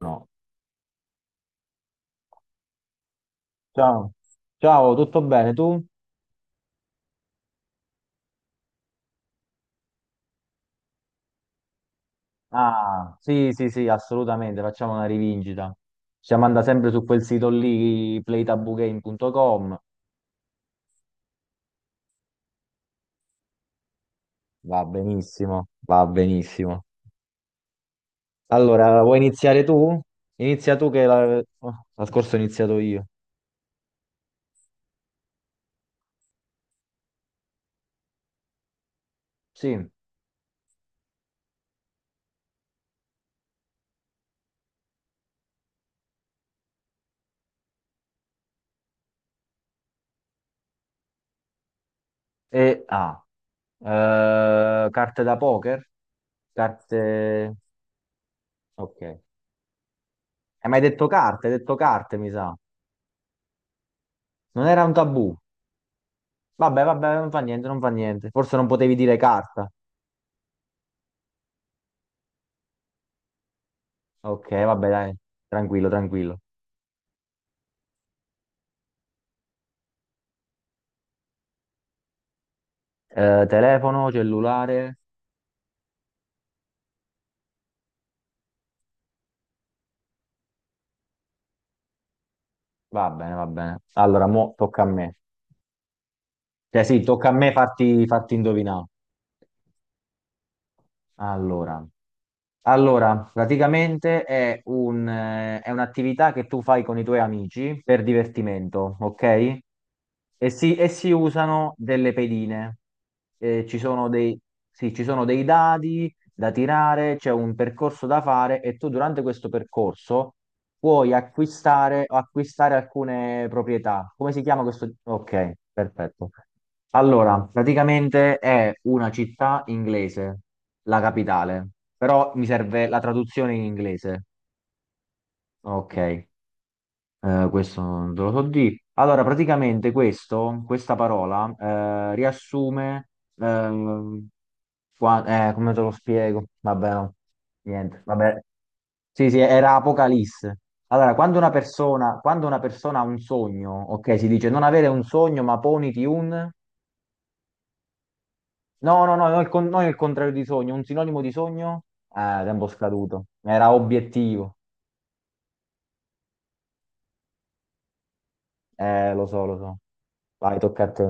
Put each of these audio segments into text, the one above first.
No. Ciao, ciao, tutto bene tu? Ah, sì, sì, sì, assolutamente, facciamo una rivincita. Ci manda sempre su quel sito lì, playtabugame.com. Va benissimo, va benissimo. Allora, vuoi iniziare tu? Inizia tu che la scorsa ho iniziato io. Sì. E carte da poker? Carte... Ok. Hai mai detto carte? Hai detto carte, mi sa. Non era un tabù. Vabbè, vabbè, non fa niente, non fa niente. Forse non potevi dire carta. Ok, vabbè, dai, tranquillo, tranquillo. Telefono, cellulare, va bene, va bene. Allora, mo tocca a me. Cioè, sì, tocca a me farti indovinare. Allora, allora, praticamente è un'attività che tu fai con i tuoi amici per divertimento, ok? E si usano delle pedine. Eh, ci sono dei, sì, ci sono dei dadi da tirare, c'è un percorso da fare e tu durante questo percorso puoi acquistare o acquistare alcune proprietà. Come si chiama questo? Ok, perfetto. Allora, praticamente è una città inglese, la capitale, però mi serve la traduzione in inglese. Ok. Questo non te lo so di. Allora, praticamente questa parola riassume, ehm, come te lo spiego? Vabbè, no, niente, vabbè. Sì, sì, era Apocalisse. Allora, quando una persona ha un sogno, ok, si dice non avere un sogno, ma poniti un... No, no, no, non il contrario di sogno, un sinonimo di sogno? Tempo scaduto. Era obiettivo. Lo so, lo so. Vai, tocca a te.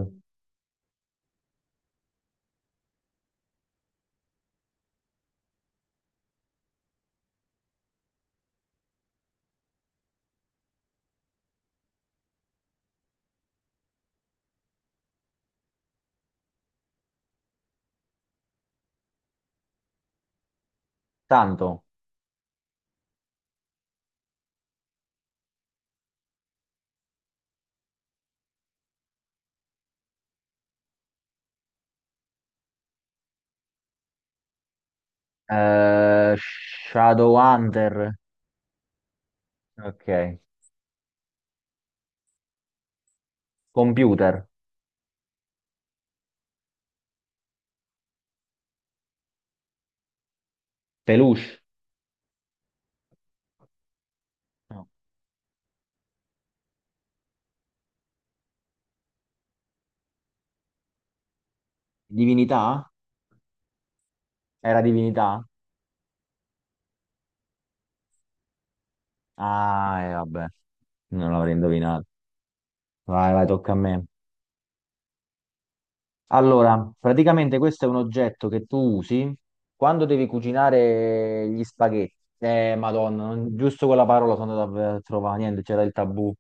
Tanto. Shadowhunter. Ok. Computer. Peluche. No. Divinità? Era divinità? Ah, e vabbè. Non l'avrei indovinato. Vai, vai, tocca a me. Allora, praticamente questo è un oggetto che tu usi quando devi cucinare gli spaghetti. Madonna, giusto quella parola sono andato a trovare. Niente, c'era il tabù.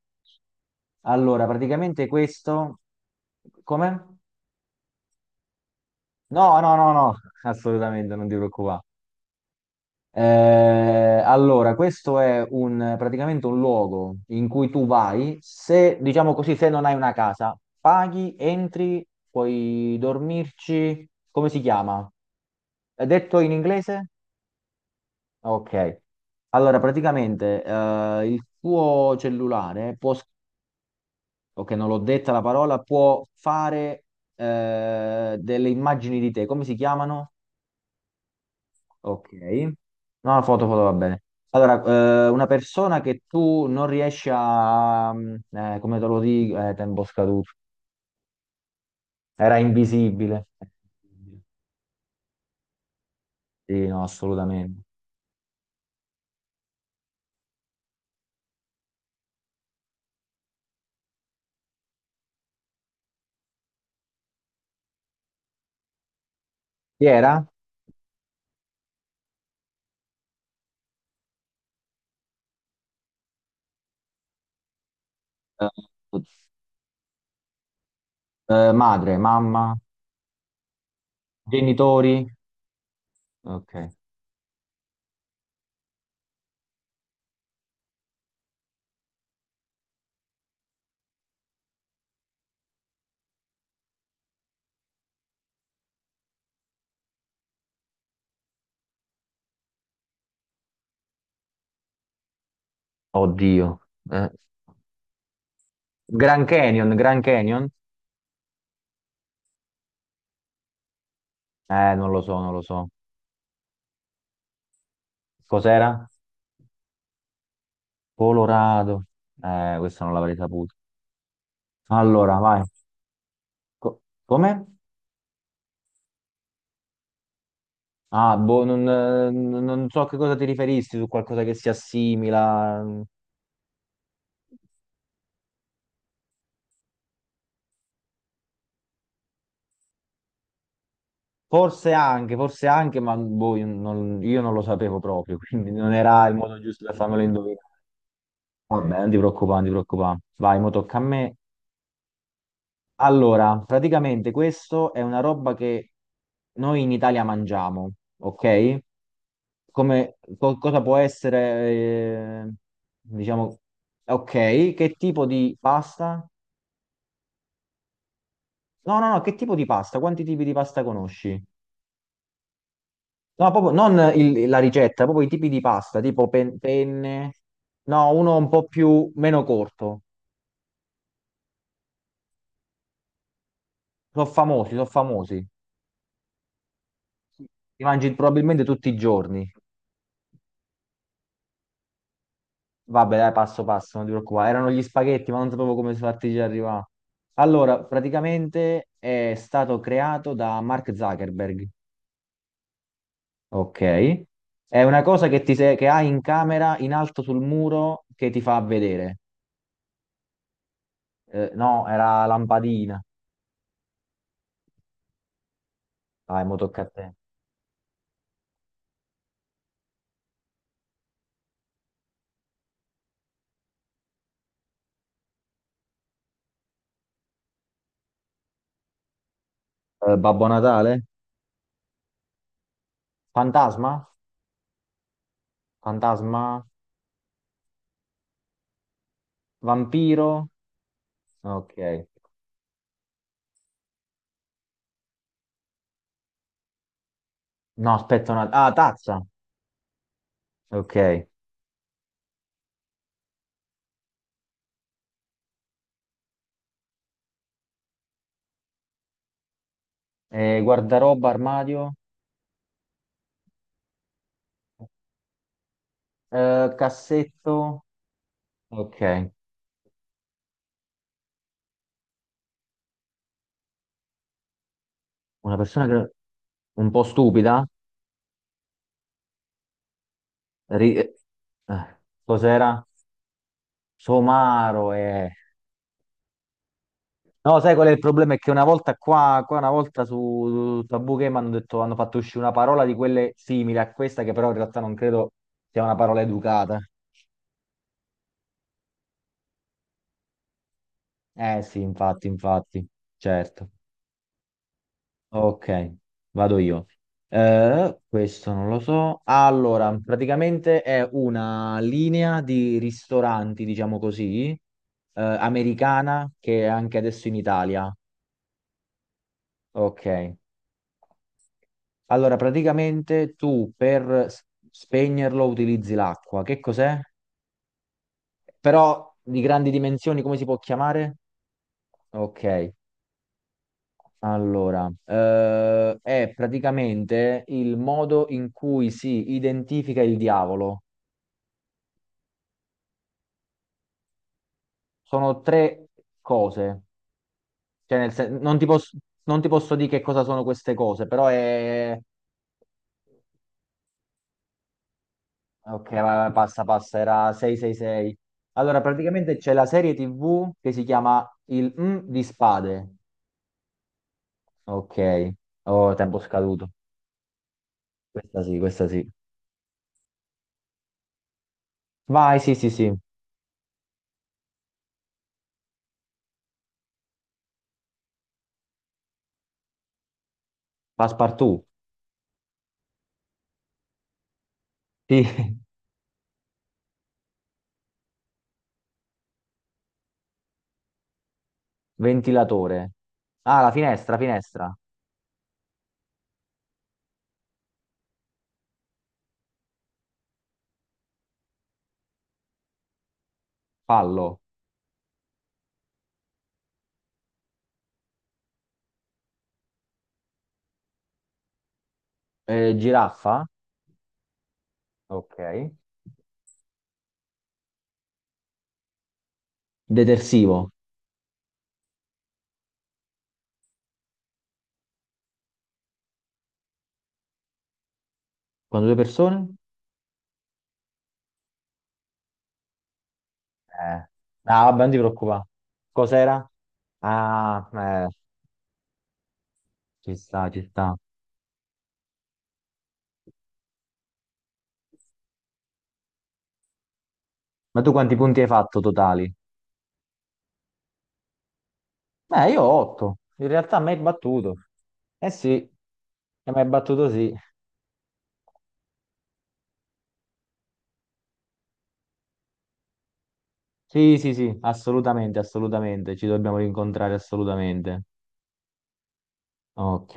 Allora, praticamente questo... Come? No, no, no, no, assolutamente, non ti preoccupare. Allora, questo è un, praticamente un luogo in cui tu vai, se, diciamo così, se non hai una casa, paghi, entri, puoi dormirci, come si chiama? È detto in inglese? Ok. Allora, praticamente il tuo cellulare può, ok, non l'ho detta la parola, può fare delle immagini di te, come si chiamano? Ok. No, la foto, foto va bene. Allora, una persona che tu non riesci a... come te lo dico? Tempo scaduto. Era invisibile. Sì, no, assolutamente. Chi era? Eh, Madre, mamma, genitori? Ok. Oddio. Eh, Grand Canyon, Grand Canyon? Non lo so, non lo so. Cos'era? Colorado. Questa non l'avrei saputo. Allora, vai. Co- Come? Ah, boh, non so a che cosa ti riferissi, su qualcosa che si assimila. Forse anche, ma boh, io non lo sapevo proprio, quindi non era il modo giusto per farmelo indovinare. Vabbè, non ti preoccupare, non ti preoccupare. Vai, mo tocca a me. Allora, praticamente questo è una roba che noi in Italia mangiamo, ok? Cosa può essere, diciamo, ok, che tipo di pasta? No, no, no, che tipo di pasta? Quanti tipi di pasta conosci? No, proprio non la ricetta, proprio i tipi di pasta, tipo penne. No, uno un po' più meno corto. Sono famosi, sono famosi. Li mangi probabilmente tutti i giorni. Vabbè, dai, passo passo, non ti preoccupare. Erano gli spaghetti, ma non sapevo come farti arrivare. Allora, praticamente è stato creato da Mark Zuckerberg, ok? È una cosa che, ti se- che hai in camera in alto sul muro che ti fa vedere. No, era lampadina. Dai, mo tocca a te. Babbo Natale? Fantasma? Fantasma? Vampiro? Ok. No, aspetta una, ah, tazza. Ok. Guardaroba, armadio? Cassetto? Ok. Una persona che, un po' stupida? Ri- eh, Cos'era? Somaro, eh. No, sai qual è il problema? È che qua una volta su Tabù Game hanno fatto uscire una parola di quelle simili a questa, che però in realtà non credo sia una parola educata. Eh sì, infatti, infatti, certo. Ok, vado io. Questo non lo so. Allora, praticamente è una linea di ristoranti, diciamo così, americana, che è anche adesso in Italia. Ok. Allora, praticamente tu per spegnerlo utilizzi l'acqua. Che cos'è? Però di grandi dimensioni, come si può chiamare? Ok, allora, è praticamente il modo in cui si identifica il diavolo. Sono tre cose. Cioè, non ti posso, non ti posso dire che cosa sono queste cose, però è... Ok, vai, vai, passa, passa, era 666. Allora, praticamente c'è la serie TV che si chiama Il M di Spade. Ok, oh, tempo scaduto. Questa sì, questa sì. Vai, sì, sì, sì. Passepartout. Sì. Ventilatore. Ah, la finestra, finestra. Fallo. Giraffa. Ok. Detersivo. Quando due persone? Eh. Ah, vabbè, non ti preoccupare. Cos'era? Ah, ci sta, ci sta. Ma tu quanti punti hai fatto totali? Beh, io ho 8. In realtà mi hai battuto. Eh sì, e mi hai battuto sì. Sì, sì, sì, assolutamente, assolutamente, ci dobbiamo rincontrare assolutamente. Ok.